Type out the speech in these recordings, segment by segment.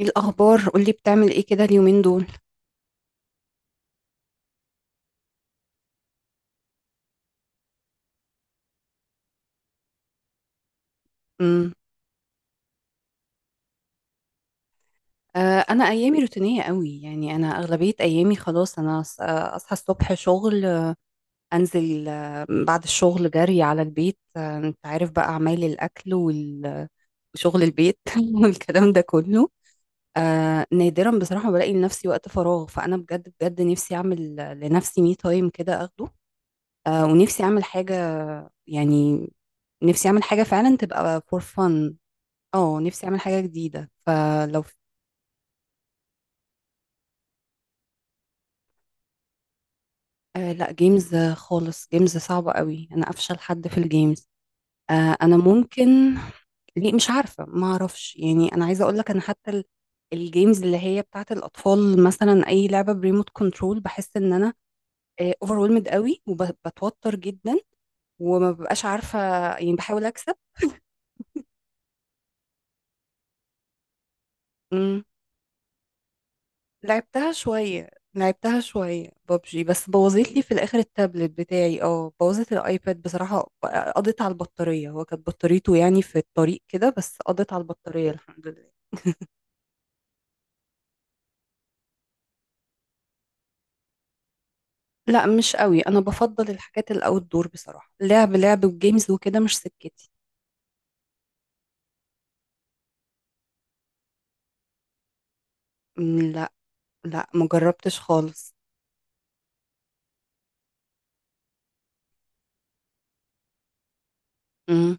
ايه الاخبار؟ قولي، بتعمل ايه كده اليومين دول؟ امم. انا ايامي روتينيه قوي، يعني انا اغلبيه ايامي خلاص، انا اصحى الصبح شغل، انزل، بعد الشغل جري على البيت، انت عارف بقى اعمال الاكل وشغل البيت والكلام ده كله. نادرا بصراحه بلاقي لنفسي وقت فراغ، فانا بجد بجد نفسي اعمل لنفسي مي تايم كده اخده. ونفسي اعمل حاجه، يعني. نفسي اعمل حاجه فعلا تبقى فور فن. اه، نفسي اعمل حاجه جديده فلو. آه، لا، جيمز خالص، جيمز صعبه قوي، انا افشل حد في الجيمز. آه، انا ممكن. ليه؟ مش عارفه، ما اعرفش، يعني انا عايزه اقول لك انا حتى الجيمز اللي هي بتاعت الاطفال، مثلا اي لعبه بريموت كنترول بحس ان انا اوفرولمد قوي وبتوتر جدا، وما ببقاش عارفه، يعني بحاول اكسب. لعبتها شوية لعبتها شوية ببجي، بس بوظت لي في الآخر التابلت بتاعي، بوظت الآيباد بصراحة. قضيت على البطارية، هو كانت بطاريته يعني في الطريق كده، بس قضيت على البطارية، الحمد لله. لا، مش قوي، أنا بفضل الحاجات الأوت دور، بصراحة لعب لعب وجيمز وكده مش سكتي. مم، لا. لا، مجربتش خالص. امم.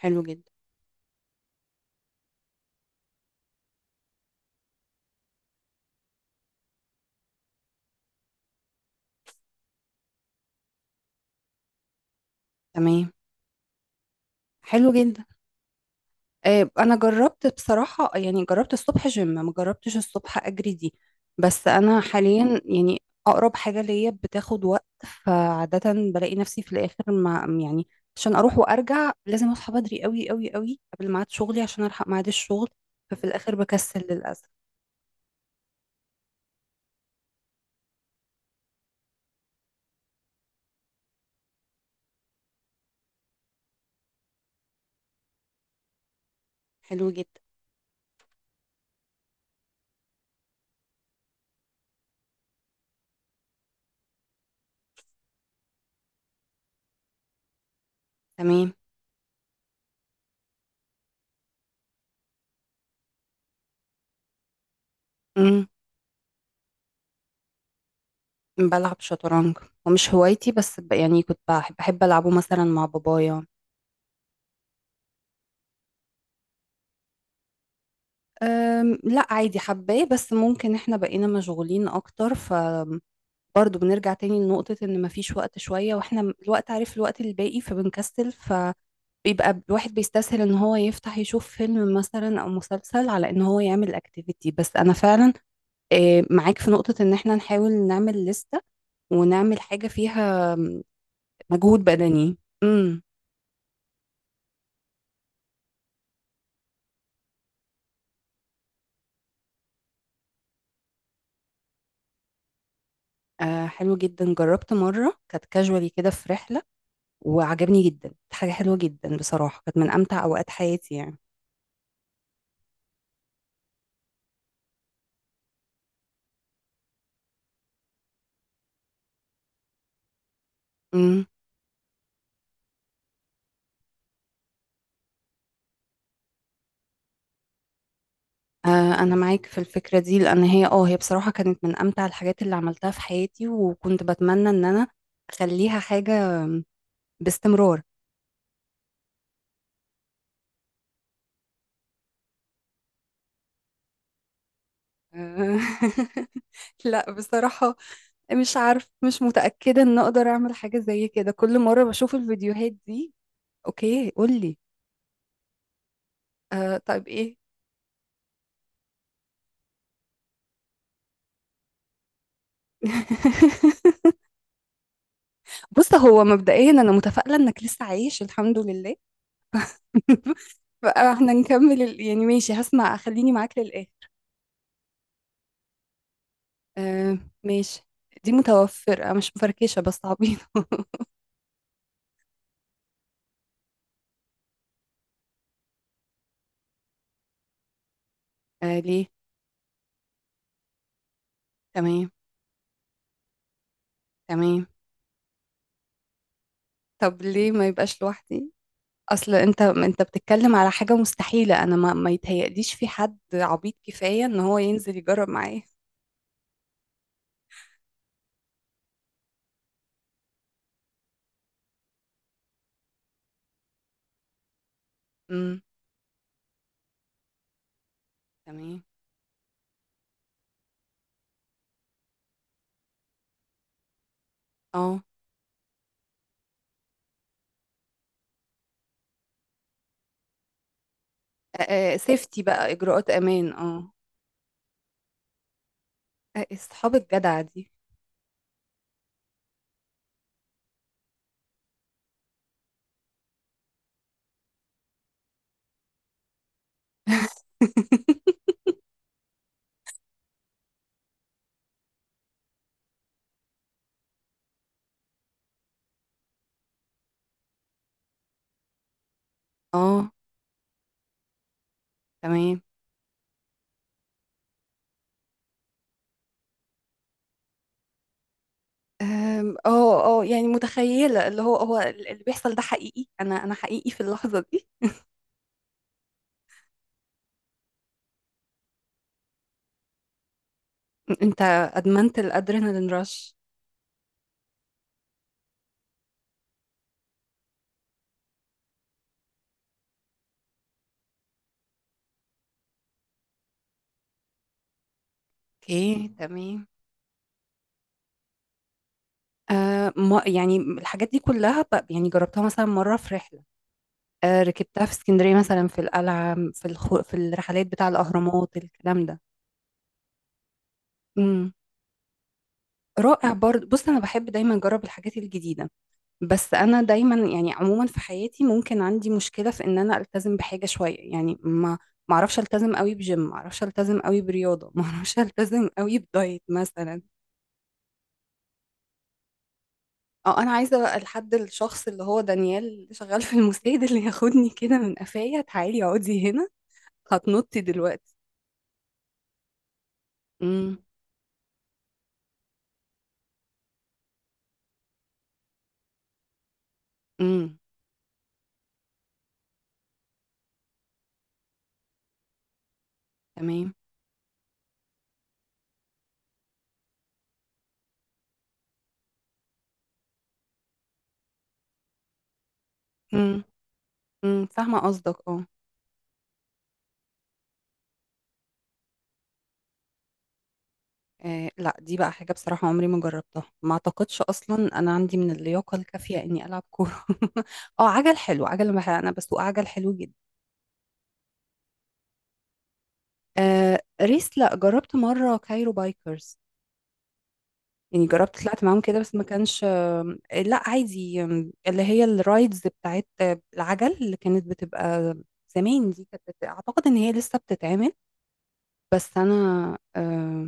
حلو جدا. تمام. حلو جدا. انا جربت بصراحه، يعني جربت الصبح جيم، ما جربتش الصبح اجري دي. بس انا حاليا يعني اقرب حاجه ليا بتاخد وقت، فعاده بلاقي نفسي في الاخر، ما يعني. عشان اروح وارجع لازم اصحى بدري قوي قوي قوي قبل ميعاد شغلي، عشان الحق ميعاد الشغل، ففي الاخر بكسل للاسف. حلو جدا. تمام. امم. بلعب شطرنج، ومش هوايتي، بس يعني كنت بحب العبه مثلا مع بابايا. لا عادي، حباه، بس ممكن احنا بقينا مشغولين اكتر، ف برضه بنرجع تاني لنقطة ان مفيش وقت شوية، واحنا الوقت، عارف، الوقت الباقي، فبنكسل، فبيبقى الواحد بيستسهل ان هو يفتح يشوف فيلم مثلا او مسلسل على ان هو يعمل اكتيفيتي، بس انا فعلا معاك في نقطة ان احنا نحاول نعمل لستة، ونعمل حاجة فيها مجهود بدني. امم. حلو جدا، جربت مرة كانت كاجوالي كده في رحلة، وعجبني جدا، كانت حاجة حلوة جدا بصراحة، كانت من أمتع أوقات حياتي يعني. امم. آه أنا معاك في الفكرة دي، لأن هي بصراحة كانت من أمتع الحاجات اللي عملتها في حياتي، وكنت بتمنى إن أنا أخليها حاجة باستمرار. آه، لا بصراحة، مش عارف، مش متأكدة إن أقدر أعمل حاجة زي كده، كل مرة بشوف الفيديوهات دي. أوكي، قولي. آه، طيب إيه؟ بص، هو مبدئيا أنا متفائلة إنك لسه عايش، الحمد لله. بقى احنا نكمل ال. يعني ماشي، هسمع، خليني معاك للآخر. آه، ماشي. دي متوفرة، مش مفركشة، بس عبيطة. آه، ليه؟ تمام. تمام. طب ليه ما يبقاش لوحدي؟ اصل انت بتتكلم على حاجة مستحيلة، انا ما يتهيأليش في حد عبيط كفاية ان هو ينزل يجرب معايا. امم. تمام. اه، سيفتي بقى، اجراءات امان، اه. اصحاب الجدع دي. اه، تمام. اه، اه، يعني متخيلة اللي هو هو اللي بيحصل ده حقيقي، انا حقيقي في اللحظة دي. انت ادمنت الادرينالين رش. اوكي، تمام. ما يعني الحاجات دي كلها، يعني جربتها مثلا مرة في رحلة. ركبتها في اسكندرية مثلا، في القلعة، في الخو، في الرحلات بتاع الأهرامات، الكلام ده. امم. رائع، برضه بص أنا بحب دايما أجرب الحاجات الجديدة، بس انا دايما يعني عموما في حياتي ممكن عندي مشكله في ان انا التزم بحاجه شويه، يعني ما، ما اعرفش التزم قوي بجيم، ما اعرفش التزم قوي برياضه، ما اعرفش التزم قوي بدايت مثلا. اه، انا عايزه بقى لحد الشخص اللي هو دانيال، اللي شغال في المستشفى، اللي ياخدني كده من قفايا، تعالي اقعدي هنا، هتنطي دلوقتي. امم. امم. تمام. امم. فاهمه قصدك، اه. آه، لا، دي بقى حاجة بصراحة عمري ما جربتها، ما اعتقدش اصلا انا عندي من اللياقة الكافية اني العب كورة اه، عجل حلو، عجل انا بسوق عجل حلو جدا. ريس، لا، جربت مرة كايرو بايكرز، يعني جربت طلعت معاهم كده، بس ما كانش. لا عادي، اللي هي الرايدز بتاعت العجل اللي كانت بتبقى زمان، دي كانت اعتقد ان هي لسه بتتعمل، بس انا.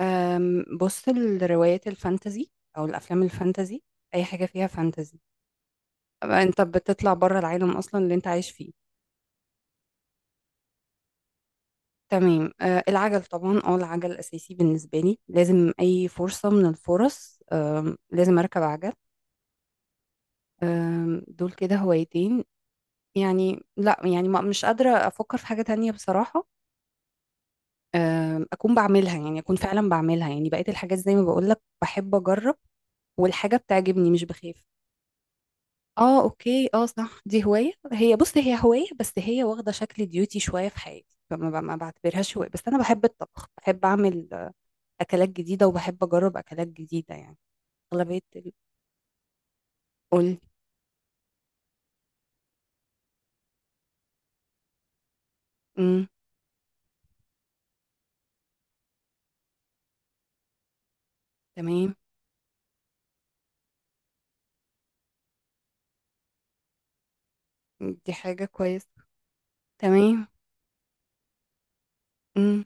بص، الروايات الفانتزي او الافلام الفانتزي، اي حاجه فيها فانتزي، أبقى انت بتطلع بره العالم اصلا اللي انت عايش فيه. تمام. العجل طبعا، العجل اساسي بالنسبه لي، لازم اي فرصه من الفرص لازم اركب عجل. دول كده هوايتين، يعني لا يعني ما، مش قادره افكر في حاجه تانية بصراحه. اكون بعملها، يعني اكون فعلا بعملها، يعني بقيت الحاجات زي ما بقول لك بحب اجرب، والحاجه بتعجبني مش بخاف. اه، اوكي، اه، صح، دي هواية، هي بص هي هواية، بس هي واخدة شكل ديوتي شوية في حياتي، فما ما بعتبرهاش هواية، بس انا بحب الطبخ، بحب اعمل اكلات جديدة، وبحب اجرب اكلات جديدة يعني. اغلبية قول. امم. تمام. دي حاجة كويسة. تمام. امم.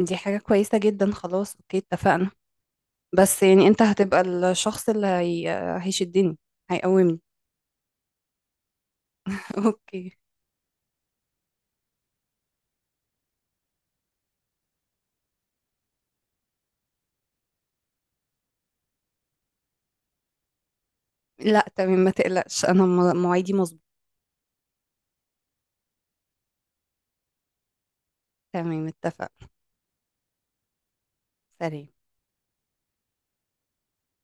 دي حاجة كويسة جدا، خلاص، اوكي، اتفقنا. بس يعني، انت هتبقى الشخص اللي هي. هيشدني، هيقومني. اوكي. لا، تمام، ما تقلقش، انا مواعيدي مظبوطة. تمام، اتفقنا. سلام.